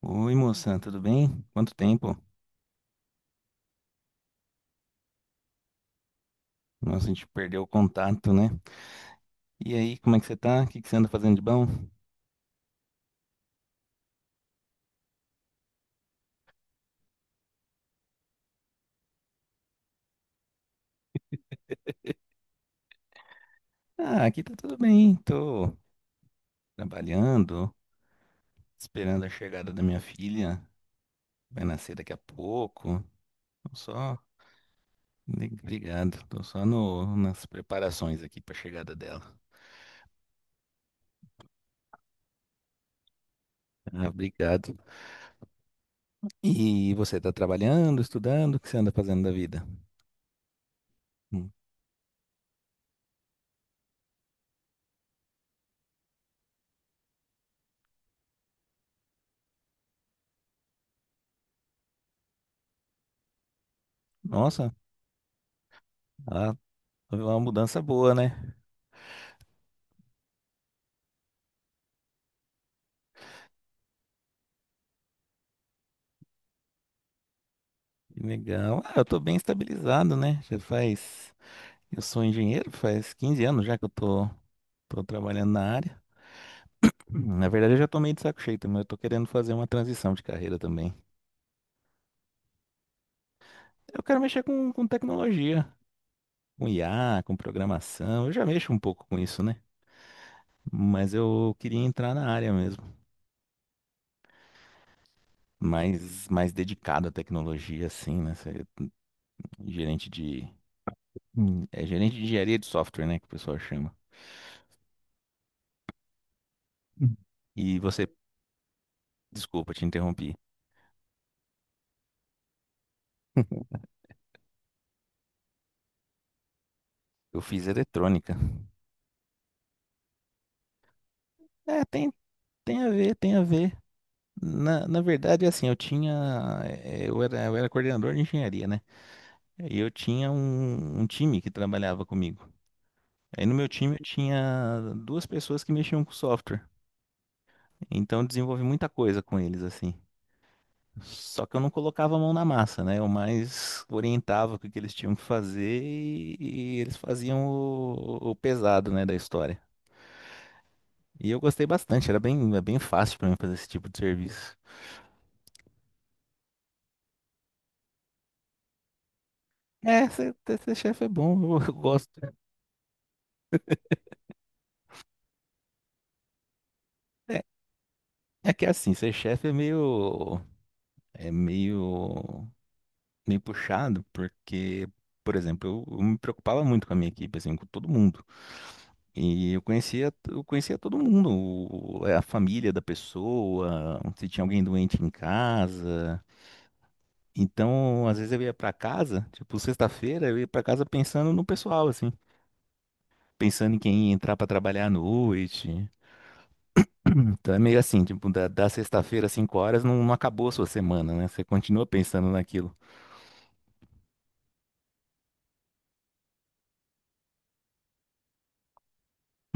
Oi, moça, tudo bem? Quanto tempo? Nossa, a gente perdeu o contato, né? E aí, como é que você tá? O que que você anda fazendo de bom? Ah, aqui tá tudo bem. Tô trabalhando, esperando a chegada da minha filha. Vai nascer daqui a pouco. Tô só. Obrigado. Tô só no... nas preparações aqui pra chegada dela. Ah, obrigado. E você tá trabalhando, estudando? O que você anda fazendo da vida? Hum. Nossa, ah, foi uma mudança boa, né? Que legal. Ah, eu tô bem estabilizado, né? Já faz. Eu sou engenheiro, faz 15 anos já que tô trabalhando na área. Na verdade, eu já tô meio de saco cheio, mas eu tô querendo fazer uma transição de carreira também. Eu quero mexer com tecnologia, com IA, com programação. Eu já mexo um pouco com isso, né? Mas eu queria entrar na área mesmo, mais dedicado à tecnologia, assim, né? Ser gerente de. Hum. É gerente de engenharia de software, né? Que o pessoal chama. Hum. E você, desculpa, te interrompi. Eu fiz eletrônica. É, tem, tem a ver, tem a ver. Na verdade, assim, eu tinha. Eu era coordenador de engenharia, né? E eu tinha um time que trabalhava comigo. Aí no meu time eu tinha duas pessoas que mexiam com software. Então eu desenvolvi muita coisa com eles, assim. Só que eu não colocava a mão na massa, né? Eu mais orientava o que que eles tinham que fazer e eles faziam o pesado, né, da história. E eu gostei bastante, era bem, é bem fácil para mim fazer esse tipo de serviço. É, ser, ser chefe é bom, eu, eu gosto. É, é que assim, ser chefe é é meio puxado, porque, por exemplo, eu me preocupava muito com a minha equipe, assim, com todo mundo. E eu conhecia todo mundo, é, a família da pessoa, se tinha alguém doente em casa. Então, às vezes eu ia pra casa, tipo, sexta-feira eu ia pra casa pensando no pessoal, assim, pensando em quem ia entrar pra trabalhar à noite. Então é meio assim, tipo, da sexta-feira às 5 horas não, não acabou a sua semana, né? Você continua pensando naquilo.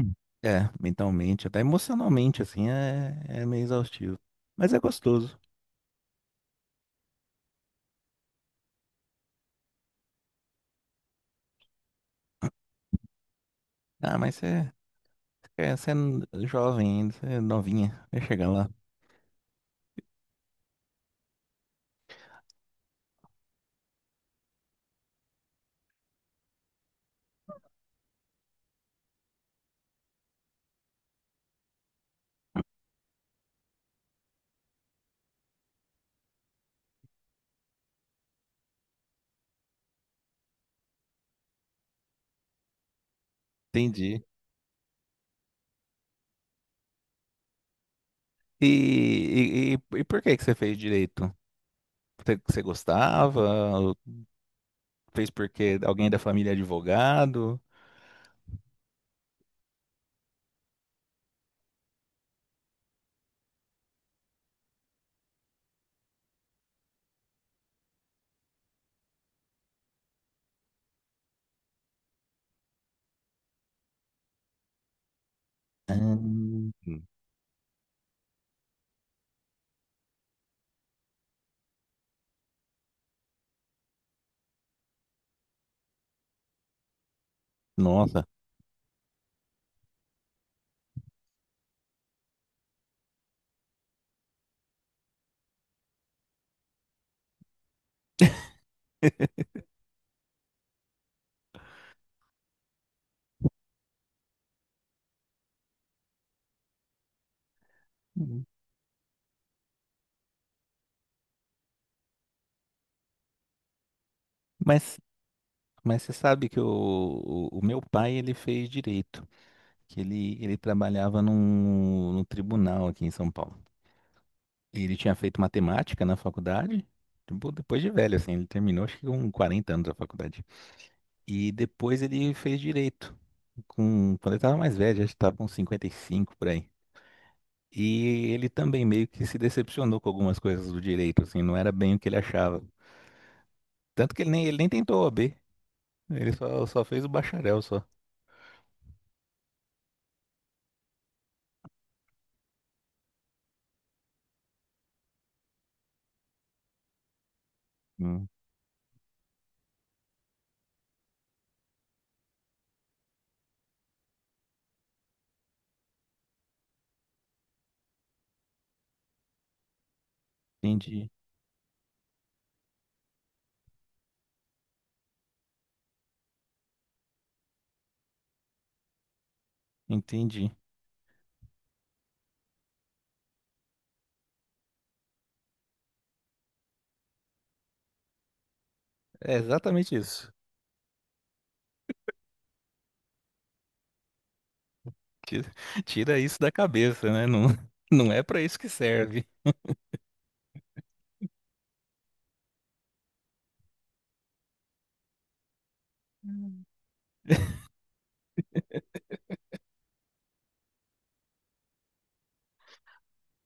Hum. É, mentalmente, até emocionalmente, assim, é, é meio exaustivo. Mas é gostoso. Ah, mas você é jovem ainda, você é novinha, vai chegar lá. Entendi. E, e por que que você fez direito? Você, você gostava? Ou fez porque alguém da família é advogado? Ah, nossa. Uhum. Mas, mas você sabe que o meu pai ele fez direito, que ele trabalhava num tribunal aqui em São Paulo. E ele tinha feito matemática na faculdade, tipo, depois de velho, assim, ele terminou acho que com 40 anos a faculdade. E depois ele fez direito, com, quando ele tava mais velho, acho que tava com 55 por aí. E ele também meio que se decepcionou com algumas coisas do direito, assim, não era bem o que ele achava. Tanto que ele nem tentou o OAB, ele só, só fez o bacharel só. Hum, entendi, entendi. É exatamente isso. Tira, tira isso da cabeça, né? Não, não é pra isso que serve.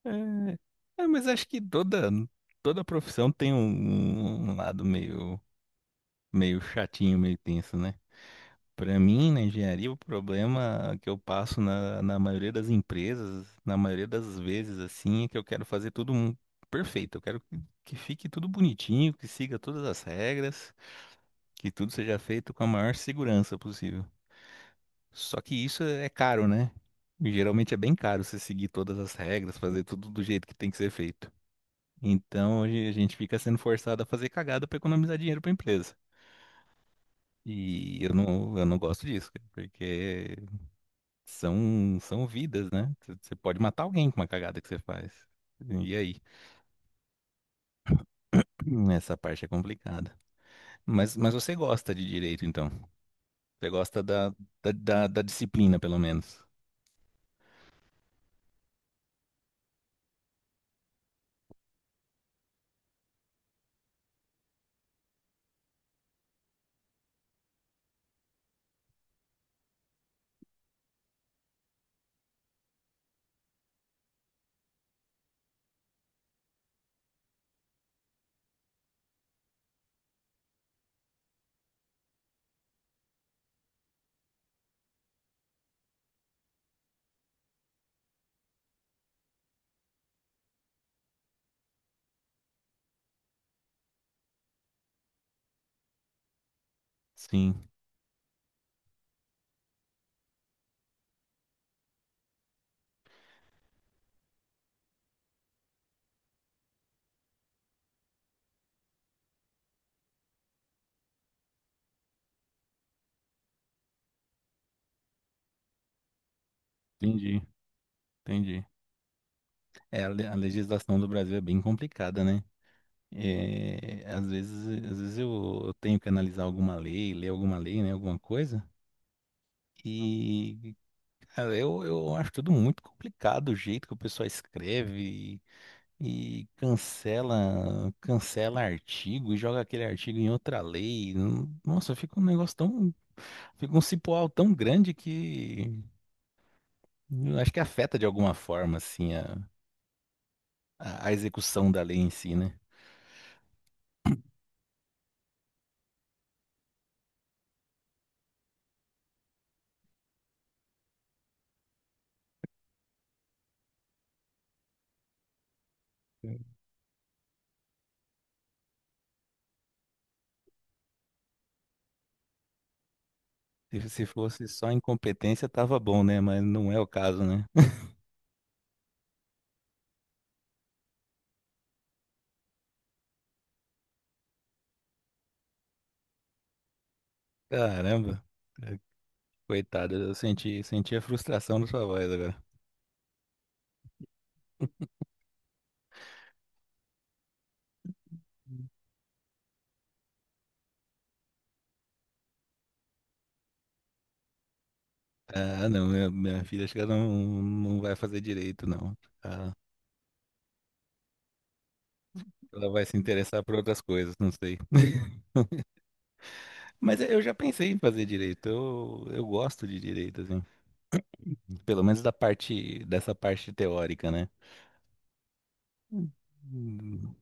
É, é, mas acho que toda, toda profissão tem um, um lado meio, meio chatinho, meio tenso, né? Pra mim, na engenharia, o problema que eu passo na, na maioria das empresas, na maioria das vezes, assim, é que eu quero fazer tudo perfeito. Eu quero que fique tudo bonitinho, que siga todas as regras, que tudo seja feito com a maior segurança possível. Só que isso é caro, né? Geralmente é bem caro você seguir todas as regras, fazer tudo do jeito que tem que ser feito. Então a gente fica sendo forçado a fazer cagada para economizar dinheiro para a empresa. E eu não gosto disso, cara, porque são, são vidas, né? Você pode matar alguém com uma cagada que você faz. E aí? Essa parte é complicada. Mas você gosta de direito, então? Você gosta da disciplina, pelo menos? Sim, entendi, entendi. É, a legislação do Brasil é bem complicada, né? É, às vezes eu tenho que analisar alguma lei, ler alguma lei, né, alguma coisa, e cara, eu acho tudo muito complicado o jeito que o pessoal escreve e, e cancela, cancela artigo e joga aquele artigo em outra lei. Nossa, fica um negócio tão, fica um cipoal tão grande que eu acho que afeta de alguma forma assim a a execução da lei em si, né? Se fosse só incompetência, tava bom, né? Mas não é o caso, né? Caramba, é, coitada, eu senti, senti a frustração da sua voz agora. Ah, não, minha filha acho que ela não, não vai fazer direito, não. Ah, ela vai se interessar por outras coisas, não sei. Mas eu já pensei em fazer direito, eu gosto de direito, assim. Pelo menos da parte, dessa parte teórica, né? Hum.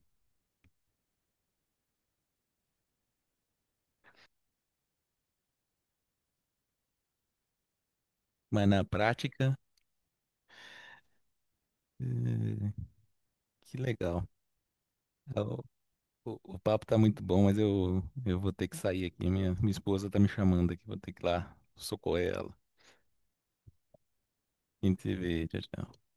Mas na prática, eh, que legal. O papo tá muito bom, mas eu vou ter que sair aqui. Minha esposa tá me chamando aqui, vou ter que ir lá socorrer ela. A gente se vê, tchau, tchau.